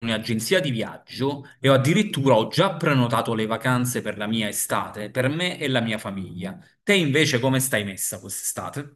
Un'agenzia di viaggio e ho addirittura ho già prenotato le vacanze per la mia estate, per me e la mia famiglia. Te invece come stai messa quest'estate?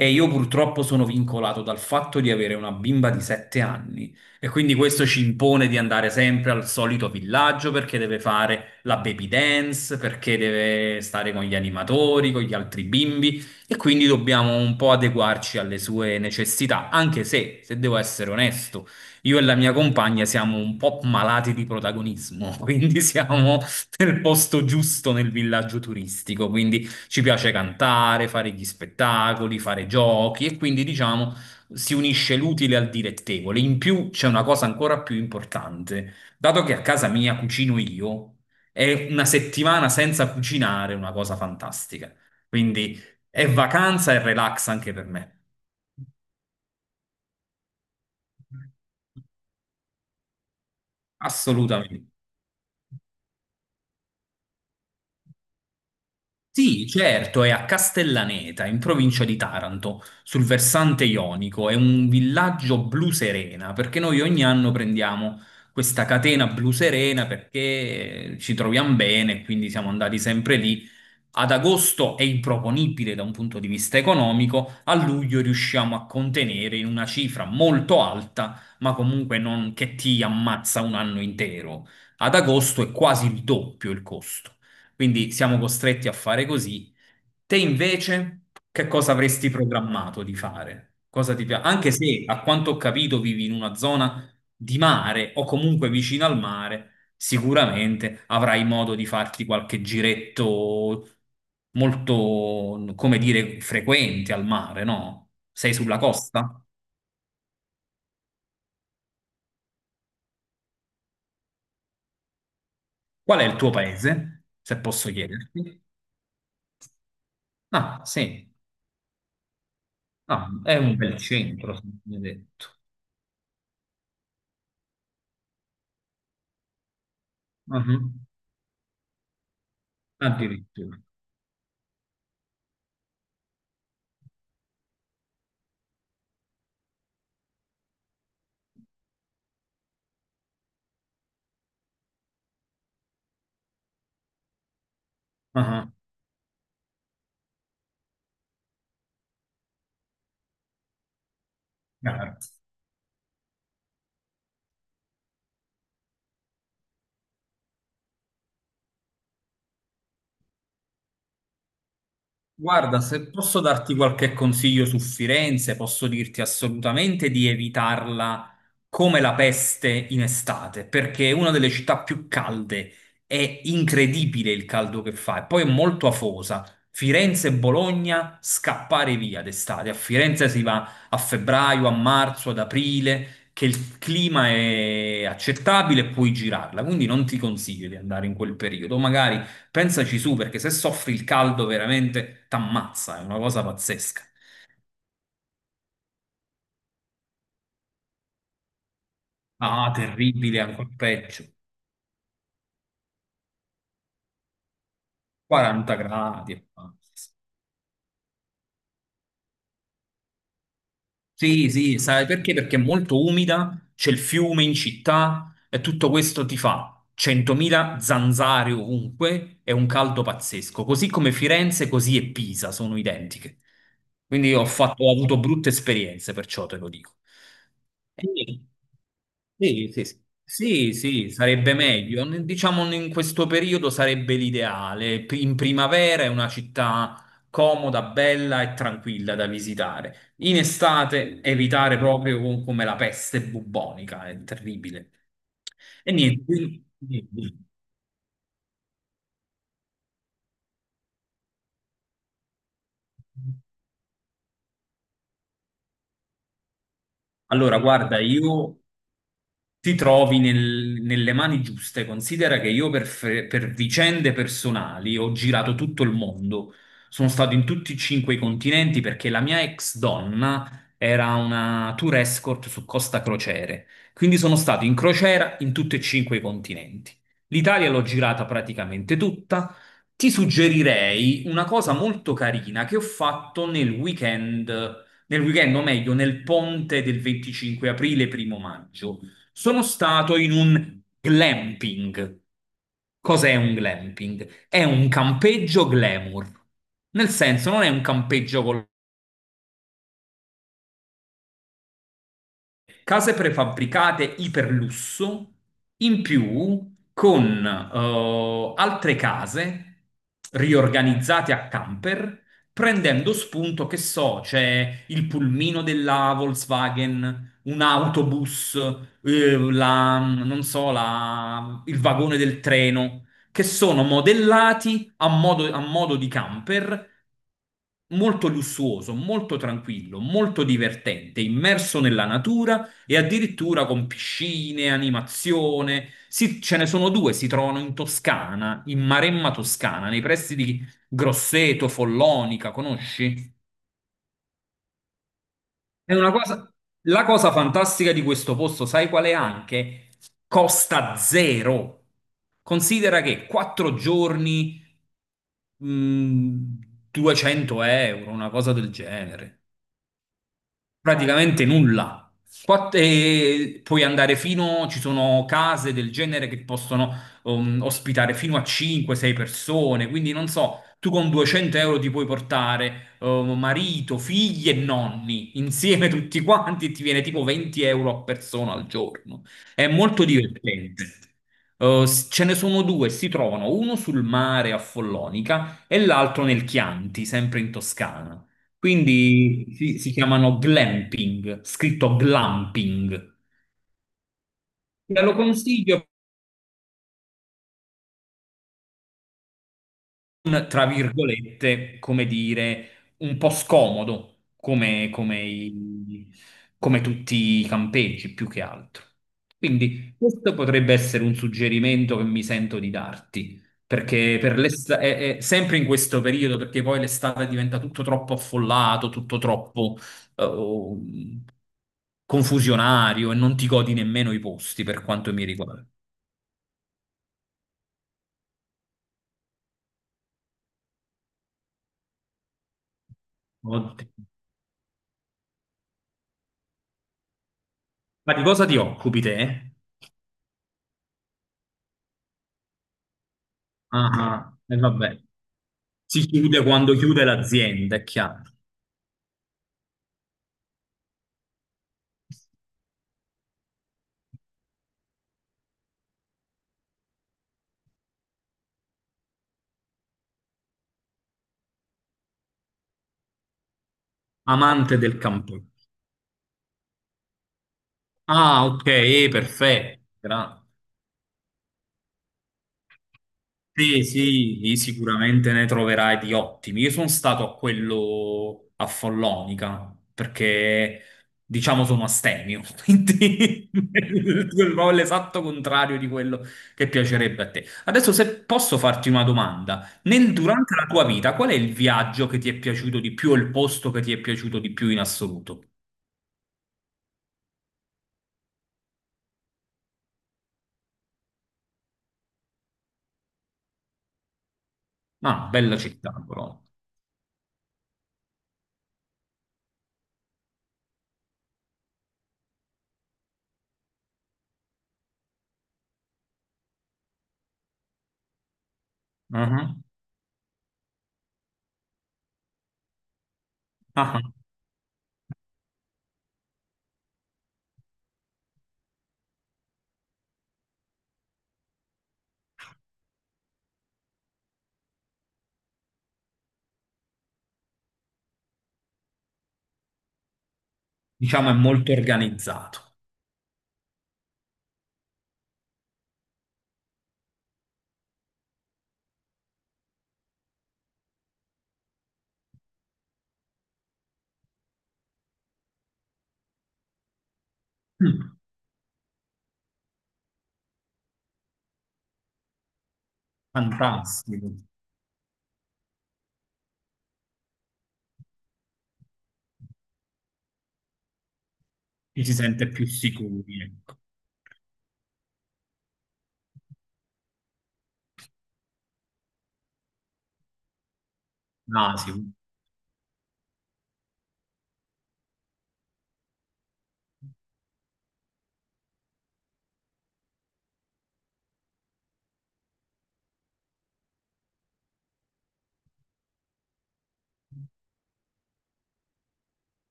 E io purtroppo sono vincolato dal fatto di avere una bimba di sette anni e quindi questo ci impone di andare sempre al solito villaggio perché deve fare la baby dance, perché deve stare con gli animatori, con gli altri bimbi e quindi dobbiamo un po' adeguarci alle sue necessità, anche se, se devo essere onesto, io e la mia compagna siamo un po' malati di protagonismo, quindi siamo nel posto giusto nel villaggio turistico, quindi ci piace cantare, fare gli spettacoli, fare giochi e quindi diciamo si unisce l'utile al dilettevole. In più c'è una cosa ancora più importante. Dato che a casa mia cucino io, è una settimana senza cucinare una cosa fantastica. Quindi è vacanza e relax anche per me. Assolutamente. Sì, certo, è a Castellaneta, in provincia di Taranto, sul versante ionico. È un villaggio blu serena, perché noi ogni anno prendiamo questa catena blu serena perché ci troviamo bene, quindi siamo andati sempre lì. Ad agosto è improponibile da un punto di vista economico, a luglio riusciamo a contenere in una cifra molto alta, ma comunque non che ti ammazza un anno intero. Ad agosto è quasi il doppio il costo. Quindi siamo costretti a fare così. Te invece, che cosa avresti programmato di fare? Cosa ti piace? Anche se, a quanto ho capito, vivi in una zona di mare o comunque vicino al mare. Sicuramente avrai modo di farti qualche giretto molto, come dire, frequente al mare, no? Sei sulla costa? Qual è il tuo paese, se posso chiederti? Ah, sì. Ah, è un bel centro, se mi hai detto. Mhm. Addirittura. Ah, chiaro. Guarda, se posso darti qualche consiglio su Firenze, posso dirti assolutamente di evitarla come la peste in estate, perché è una delle città più calde, è incredibile il caldo che fa e poi è molto afosa. Firenze e Bologna, scappare via d'estate. A Firenze si va a febbraio, a marzo, ad aprile, che il clima è accettabile e puoi girarla, quindi non ti consiglio di andare in quel periodo, magari pensaci su, perché se soffri il caldo veramente t'ammazza, è una cosa pazzesca. Ah, terribile, ancora peggio. 40 gradi. Ammazza. Sì, sì, sai perché? Perché è molto umida, c'è il fiume in città e tutto questo ti fa 100.000 zanzare ovunque e un caldo pazzesco, così come Firenze, così e Pisa sono identiche. Quindi ho avuto brutte esperienze, perciò te lo dico. E- sì, sì, sì, sì, sì, sarebbe meglio. Diciamo in questo periodo sarebbe l'ideale. In primavera è una città comoda, bella e tranquilla da visitare. In estate evitare proprio come la peste bubbonica, è terribile. E niente, quindi- allora guarda, io ti trovi nelle mani giuste. Considera che io per, per vicende personali ho girato tutto il mondo. Sono stato in tutti e cinque i continenti perché la mia ex donna era una tour escort su Costa Crociere. Quindi sono stato in crociera in tutti e cinque i continenti. L'Italia l'ho girata praticamente tutta. Ti suggerirei una cosa molto carina che ho fatto nel weekend, o meglio, nel ponte del 25 aprile, primo maggio. Sono stato in un glamping. Cos'è un glamping? È un campeggio glamour. Nel senso, non è un campeggio con case prefabbricate iperlusso, in più con altre case riorganizzate a camper, prendendo spunto, che so, c'è il pulmino della Volkswagen, un autobus, non so, il vagone del treno, che sono modellati a modo di camper molto lussuoso, molto tranquillo, molto divertente, immerso nella natura e addirittura con piscine, animazione. Ce ne sono due, si trovano in Toscana, in Maremma Toscana, nei pressi di Grosseto, Follonica, conosci? È una cosa, la cosa fantastica di questo posto, sai qual è anche? Costa zero. Considera che quattro giorni, mh, 200 euro, una cosa del genere. Praticamente nulla. E puoi andare fino, ci sono case del genere che possono ospitare fino a 5-6 persone, quindi non so, tu con 200 € ti puoi portare marito, figli e nonni insieme tutti quanti e ti viene tipo 20 € a persona al giorno. È molto divertente. Ce ne sono due, si trovano uno sul mare a Follonica e l'altro nel Chianti, sempre in Toscana. Quindi si chiamano glamping, scritto glamping. Te lo consiglio, un, tra virgolette, come dire, un po' scomodo, come, come tutti i campeggi più che altro. Quindi questo potrebbe essere un suggerimento che mi sento di darti, perché per è sempre in questo periodo, perché poi l'estate diventa tutto troppo affollato, tutto troppo eh, confusionario e non ti godi nemmeno i posti per quanto mi riguarda. Oddio. Ma di cosa ti occupi te? Ah, e vabbè. Si chiude quando chiude l'azienda, è chiaro. Amante del campo. Ah, ok, perfetto. Sì, sì, sicuramente ne troverai di ottimi. Io sono stato a quello a Follonica perché, diciamo, sono astemio, quindi proprio l'esatto contrario di quello che piacerebbe a te. Adesso, se posso farti una domanda, durante la tua vita, qual è il viaggio che ti è piaciuto di più o il posto che ti è piaciuto di più in assoluto? Ah, bella città, però. Mhm. Ah, ah. Diciamo è molto organizzato. Mm. Fantastico. Ci si sente più sicuri, ecco. Ah, sì.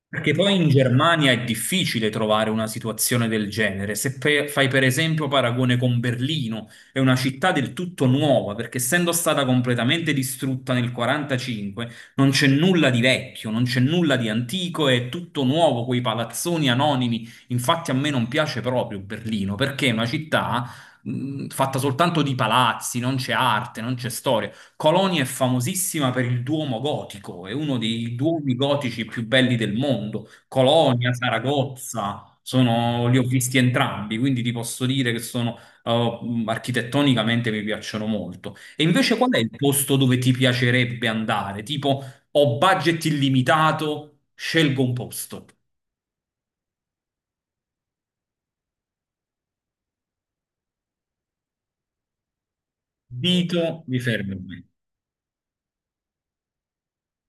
Perché poi in Germania è difficile trovare una situazione del genere. Se fai per esempio paragone con Berlino, è una città del tutto nuova, perché essendo stata completamente distrutta nel 45, non c'è nulla di vecchio, non c'è nulla di antico, è tutto nuovo, quei palazzoni anonimi. Infatti a me non piace proprio Berlino, perché è una città fatta soltanto di palazzi, non c'è arte, non c'è storia. Colonia è famosissima per il Duomo gotico, è uno dei duomi gotici più belli del mondo. Colonia, Saragozza, li ho visti entrambi, quindi ti posso dire che sono, architettonicamente mi piacciono molto. E invece qual è il posto dove ti piacerebbe andare? Tipo, ho budget illimitato, scelgo un posto. Dito, mi fermo. Qui.